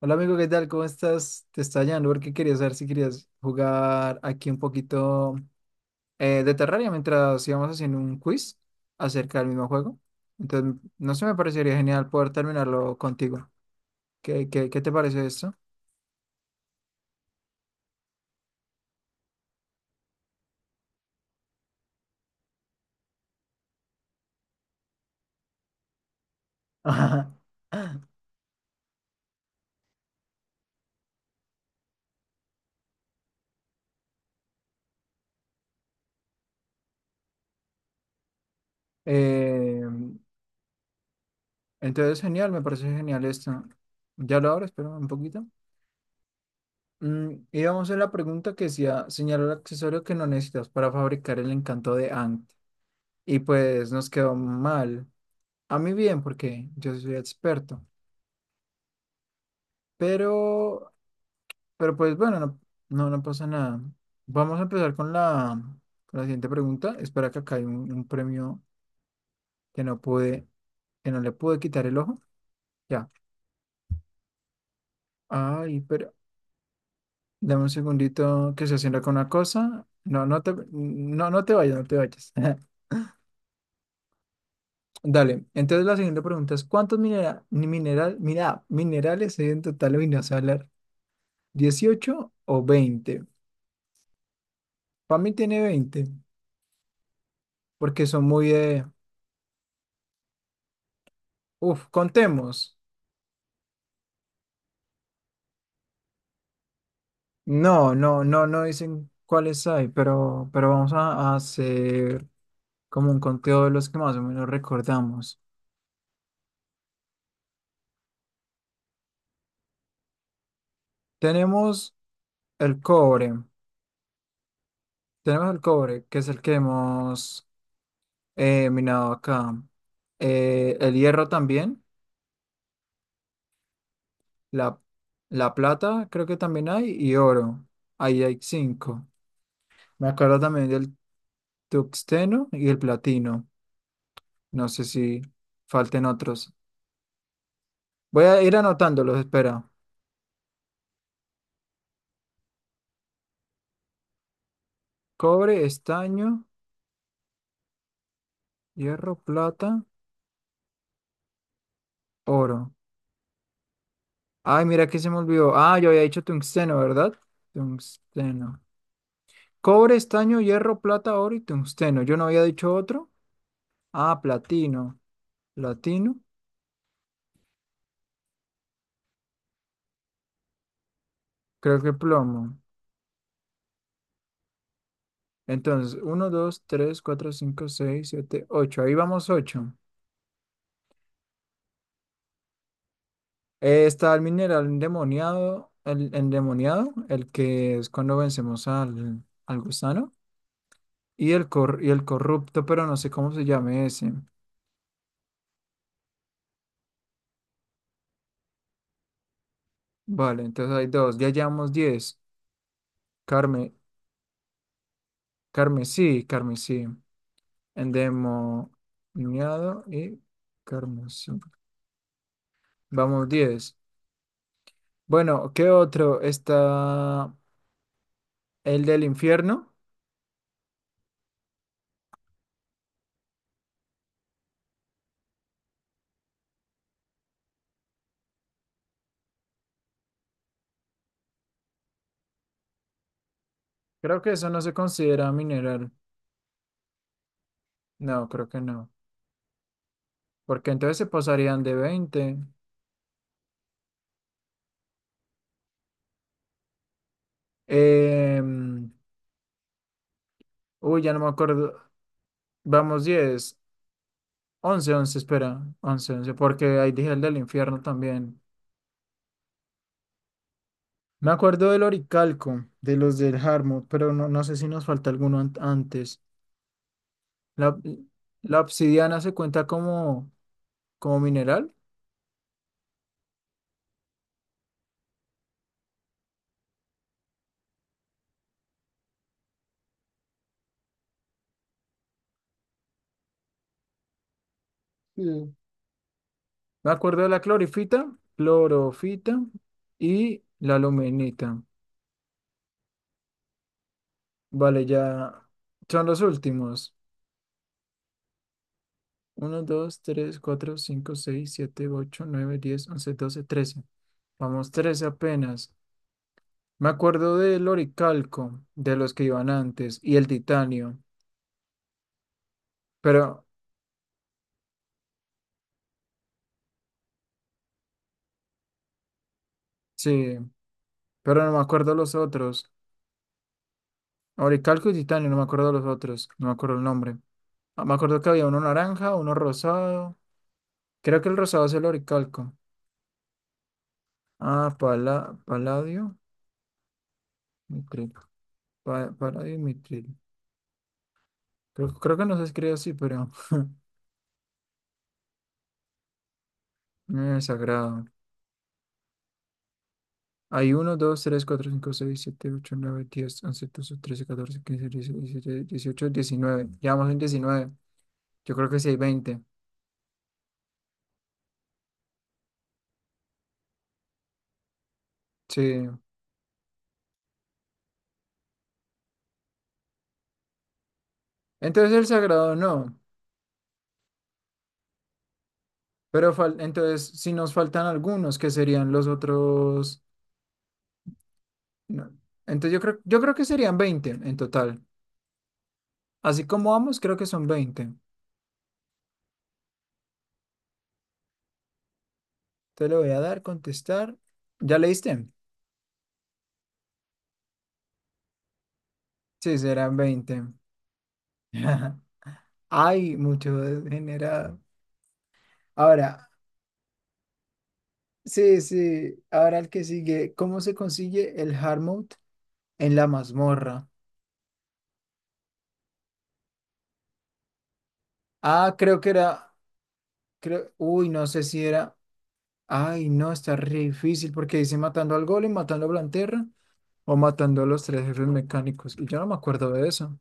Hola amigo, ¿qué tal? ¿Cómo estás? Te estaba llamando porque quería saber si querías jugar aquí un poquito de Terraria mientras íbamos haciendo un quiz acerca del mismo juego. Entonces, no sé, me parecería genial poder terminarlo contigo. ¿Qué te parece esto? Ajá. Eh, entonces, genial, me parece genial esto. Ya lo abro, espera un poquito. Mm, y vamos a la pregunta que decía, señala el accesorio que no necesitas para fabricar el encanto de Ankh. Y pues nos quedó mal. A mí bien, porque yo soy experto. Pero, pero pues bueno, no pasa nada. Vamos a empezar con con la siguiente pregunta. Espera que acá hay un premio que no que no le pude quitar el ojo. Ya. Ay, pero dame un segundito que se haciendo con una cosa. No te vayas, no te vayas. Dale. Entonces la siguiente pregunta es: ¿cuántos minera- ni mineral, mira, minerales hay en total hoy no sé hablar? Dieciocho o veinte. Para mí tiene 20 porque son muy de, uf, contemos. No, no, no, no dicen cuáles hay, pero vamos a hacer como un conteo de los que más o menos recordamos. Tenemos el cobre, tenemos el cobre, que es el que hemos minado acá. El hierro también, la, la plata creo que también hay, y oro. Ahí hay cinco. Me acuerdo también del tuxteno y el platino. No sé si falten otros. Voy a ir anotándolos, espera. Cobre, estaño, hierro, plata, oro. Ay, mira que se me olvidó. Ah, yo había dicho tungsteno, ¿verdad? Tungsteno. Cobre, estaño, hierro, plata, oro y tungsteno. Yo no había dicho otro. Ah, platino. Platino. Creo que plomo. Entonces, uno, 2, 3, 4, 5, 6, 7, 8. Ahí vamos 8. Está el mineral endemoniado, el que es cuando vencemos al gusano. Y y el corrupto, pero no sé cómo se llame ese. Vale, entonces hay dos. Ya llevamos diez. Carme, carmesí, carmesí. Endemoniado y carmesí. Vamos, diez. Bueno, ¿qué otro? Está el del infierno. Creo que eso no se considera mineral. No, creo que no. Porque entonces se pasarían de veinte. Em, uy, ya no me acuerdo. Vamos, diez, once, espera. Once porque ahí dije el del infierno también. Me acuerdo del Oricalco, de los del Harmut, pero no, no sé si nos falta alguno an- antes. La, la obsidiana se cuenta como, como mineral. Me acuerdo de la clorofita y la aluminita. Vale, ya son los últimos. Uno, dos, tres, cuatro, cinco, seis, siete, ocho, nueve, diez, once, doce, trece. Vamos, 13 apenas. Me acuerdo del oricalco, de los que iban antes, y el titanio, pero sí, pero no me acuerdo los otros. Oricalco y titanio, no me acuerdo los otros, no me acuerdo el nombre. Ah, me acuerdo que había uno naranja, uno rosado. Creo que el rosado es el oricalco. Ah, paladio, mitril, paladio y mitril. Creo que no se escribe así, pero es sagrado. Hay uno, dos, tres, cuatro, cinco, seis, siete, ocho, nueve, diez, once, doce, trece, catorce, quince, dieciséis, diecisiete, dieciocho, diecinueve. Llevamos en diecinueve. Yo creo que sí hay veinte. Sí. Entonces el sagrado no. Pero fal- entonces si nos faltan algunos, ¿que serían los otros? No. Entonces yo creo que serían veinte en total. Así como vamos, creo que son veinte. Te lo voy a dar, contestar. ¿Ya leíste? Sí, serán veinte. Hay mucho degenerado. Ahora, sí, sí. Ahora el que sigue. ¿Cómo se consigue el hard mode en la mazmorra? Ah, creo que era. Creo, uy, no sé si era. Ay, no, está re difícil porque dice matando al golem, matando a Blanterra o matando a los tres jefes mecánicos. Y yo no me acuerdo de eso.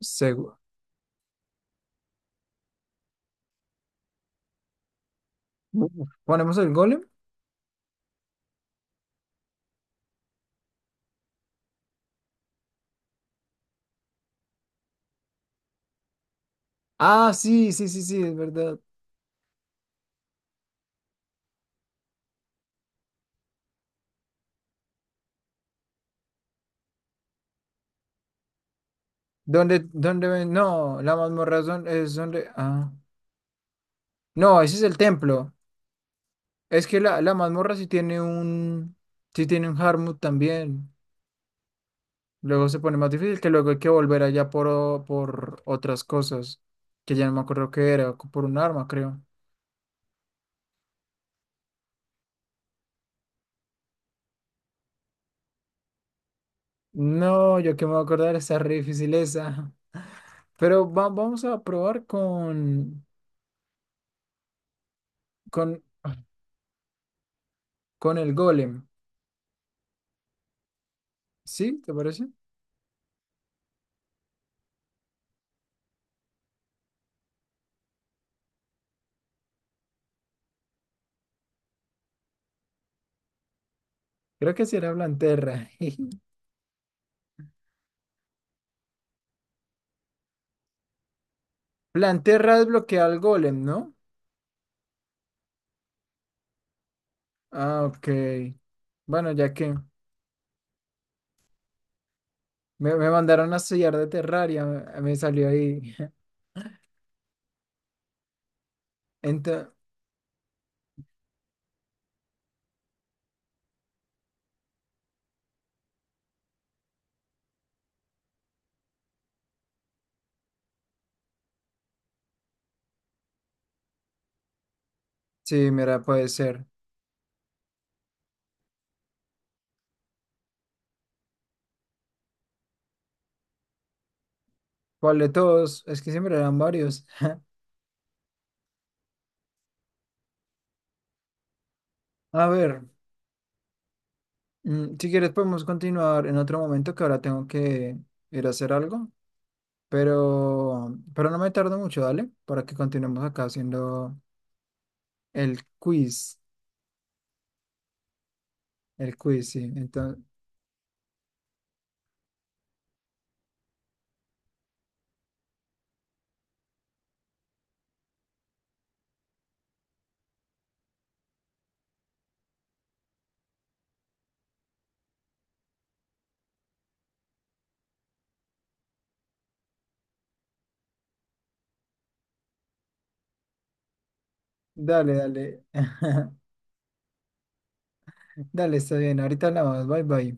Seguro. ¿Ponemos el golem? Ah, sí, sí, sí, sí, es verdad. Dónde ven? No, la mazmorra es don- es donde. Ah. No, ese es el templo. Es que la mazmorra sí tiene un. Sí tiene un Harmut también. Luego se pone más difícil que luego hay que volver allá por otras cosas. Que ya no me acuerdo qué era. Por un arma, creo. No, yo que me voy a acordar, está re difícil esa. Pero vamos a probar con, con el golem. ¿Sí? ¿Te parece? Creo que será Blanterra. Blanterra es bloquear al golem, ¿no? Ah, ok. Bueno, ya que me mandaron a estudiar de Terraria, me salió ahí. Ento- sí, mira, puede ser. ¿Cuál de todos? Es que siempre eran varios. A ver, mm, si quieres podemos continuar en otro momento que ahora tengo que ir a hacer algo. Pero no me tardo mucho, ¿vale? Para que continuemos acá haciendo el quiz. El quiz, sí. Entonces, dale, dale. Dale, está bien. Ahorita hablamos. Bye, bye.